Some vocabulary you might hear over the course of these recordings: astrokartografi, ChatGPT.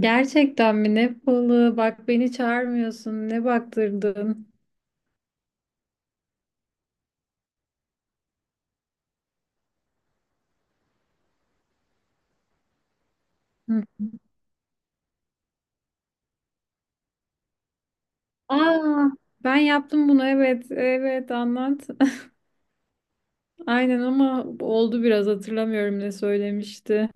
Gerçekten mi? Ne balığı? Bak beni çağırmıyorsun. Ne baktırdın? Hı. Aa, ben yaptım bunu. Evet, evet anlat. Aynen ama oldu biraz hatırlamıyorum ne söylemişti.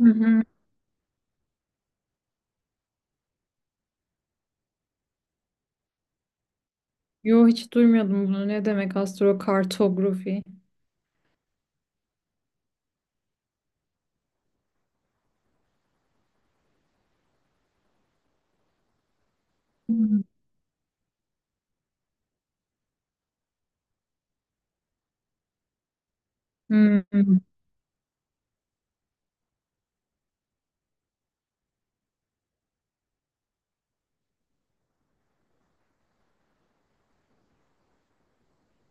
Hı hı. Yo, hiç duymadım bunu. Ne demek astrokartografi? Hı hı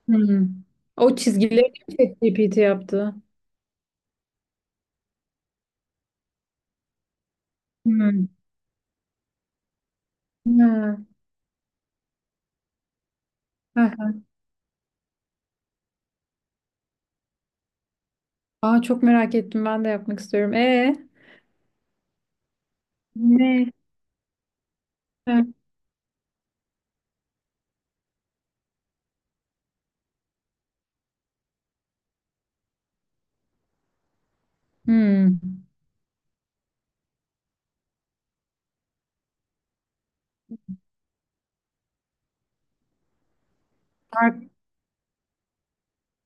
hı. O çizgileri mi ChatGPT yaptı? Hı. Ha. Ha. Aa, çok merak ettim. Ben de yapmak istiyorum. E ne? Hı. Hmm.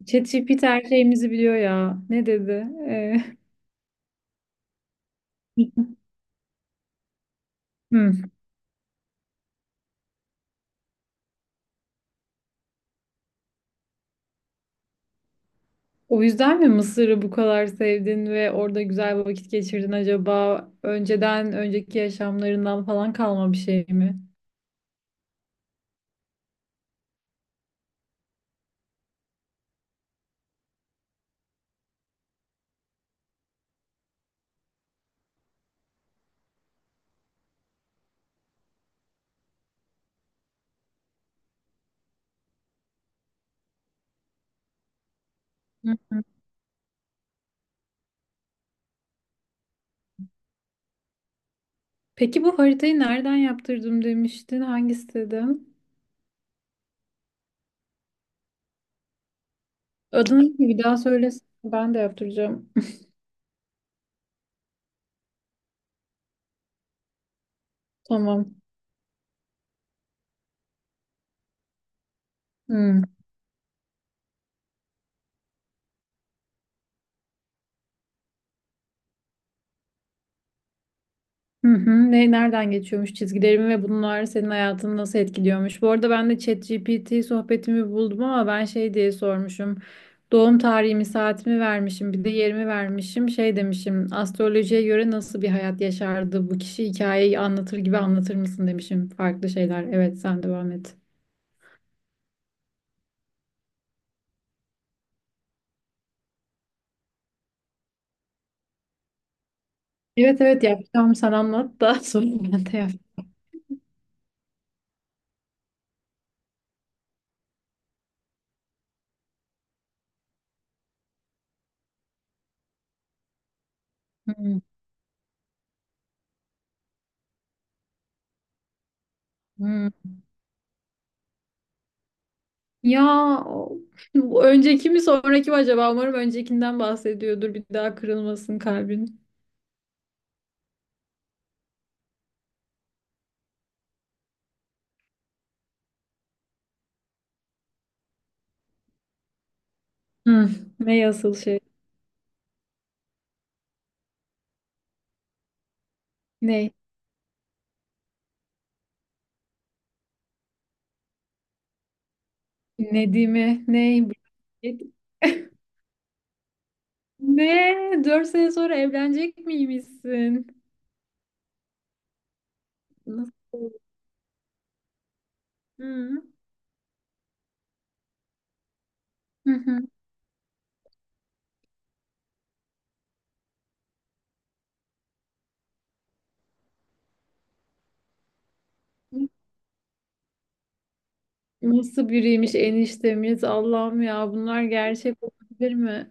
ChatGPT her şeyimizi biliyor ya. Ne dedi? Hmm. O yüzden mi Mısır'ı bu kadar sevdin ve orada güzel vakit geçirdin acaba? Önceden, önceki yaşamlarından falan kalma bir şey mi? Hı hı. Peki bu haritayı nereden yaptırdım demiştin? Hangi siteden? Adını bir daha söylesene. Ben de yaptıracağım. Tamam. Hmm. Hı hı. Ne, nereden geçiyormuş çizgilerimi ve bunlar senin hayatını nasıl etkiliyormuş? Bu arada ben de ChatGPT sohbetimi buldum ama ben şey diye sormuşum. Doğum tarihimi, saatimi vermişim, bir de yerimi vermişim. Şey demişim, astrolojiye göre nasıl bir hayat yaşardı bu kişi, hikayeyi anlatır gibi anlatır mısın demişim. Farklı şeyler. Evet, sen devam et. Evet, evet yapacağım. Sen anlat da sonra ben de yapacağım. Ya o- önceki mi sonraki mi acaba? Umarım öncekinden bahsediyordur. Bir daha kırılmasın kalbin. Hı. Ne asıl şey? Ne? Nedim'i? Ne? Ne? 4 sene sonra evlenecek miymişsin? Nasıl? Hı. Hı hı. Nasıl biriymiş eniştemiz? Allah'ım, ya bunlar gerçek olabilir mi?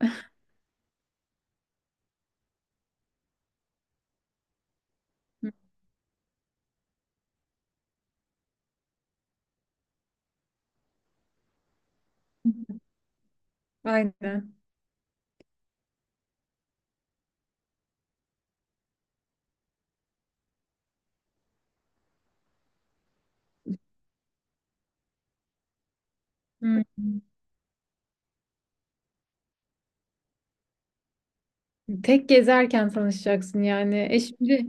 Aynen. Hı. Tek gezerken tanışacaksın yani. E şimdi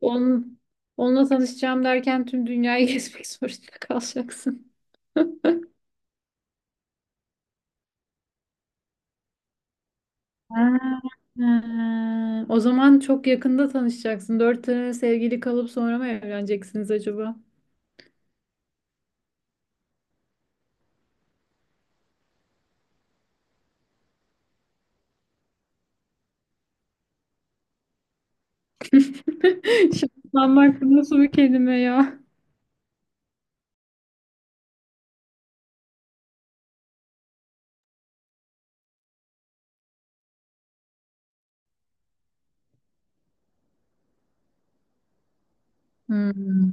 onun, onunla tanışacağım derken tüm dünyayı gezmek zorunda kalacaksın. Ha. Ha. O zaman çok yakında tanışacaksın. 4 sene sevgili kalıp sonra mı evleneceksiniz acaba? Şanslanmak nasıl bir kelime ya? Hmm.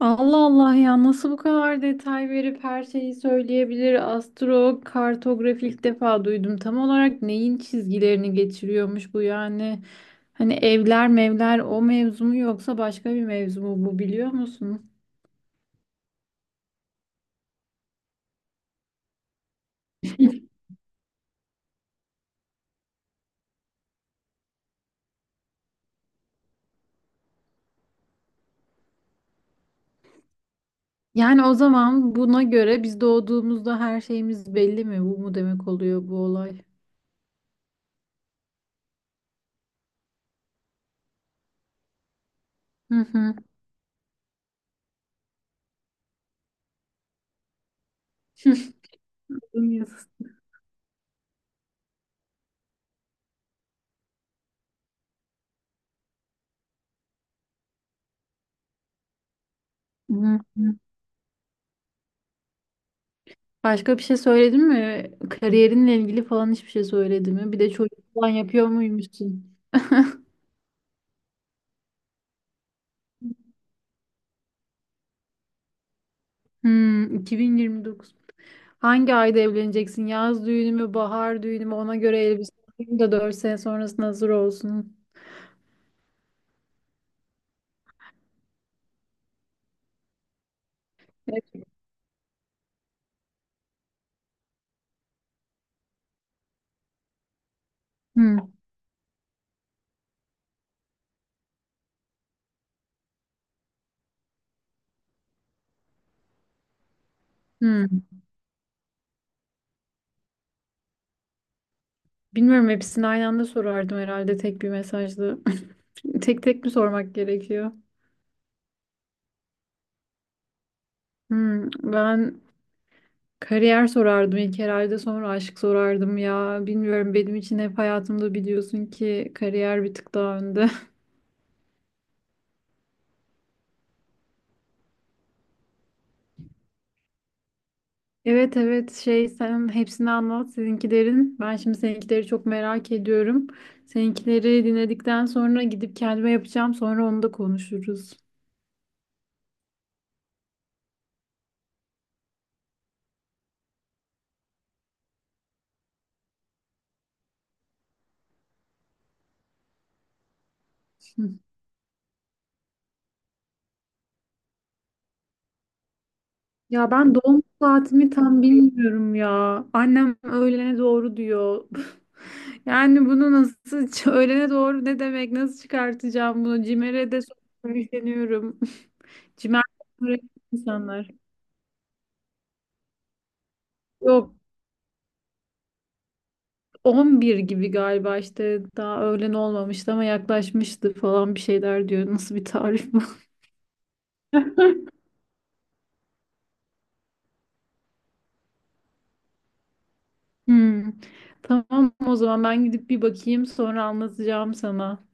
Allah Allah, ya nasıl bu kadar detay verip her şeyi söyleyebilir? Astrokartografi ilk defa duydum. Tam olarak neyin çizgilerini geçiriyormuş bu yani? Hani evler mevler o mevzu mu, yoksa başka bir mevzu mu bu, biliyor musun? Yani o zaman buna göre biz doğduğumuzda her şeyimiz belli mi? Bu mu demek oluyor bu olay? Hı hı. Hı hı. Başka bir şey söyledin mi? Kariyerinle ilgili falan hiçbir şey söyledi mi? Bir de çocuk falan yapıyor muymuşsun? Hmm, 2029. Hangi ayda evleneceksin? Yaz düğünü mü, bahar düğünü mü? Ona göre elbise alayım da 4 sene sonrasında hazır olsun. Evet. Hmm, hmm. Bilmiyorum, hepsini aynı anda sorardım herhalde tek bir mesajda. Tek tek mi sormak gerekiyor? Hmm, ben kariyer sorardım ilk herhalde, sonra aşk sorardım ya. Bilmiyorum, benim için hep hayatımda biliyorsun ki kariyer bir tık daha önde. Evet, evet şey, sen hepsini anlat seninkilerin. Ben şimdi seninkileri çok merak ediyorum. Seninkileri dinledikten sonra gidip kendime yapacağım. Sonra onu da konuşuruz. Hı. Ya ben doğum saatimi tam bilmiyorum ya. Annem öğlene doğru diyor. Yani bunu nasıl öğlene doğru ne demek? Nasıl çıkartacağım bunu? Cimer'e de sonra üfleniyorum. Cimer öğretmen insanlar. Yok, 11 gibi galiba işte, daha öğlen olmamıştı ama yaklaşmıştı falan bir şeyler diyor. Nasıl bir tarif bu? Hmm. Tamam, o zaman ben gidip bir bakayım, sonra anlatacağım sana.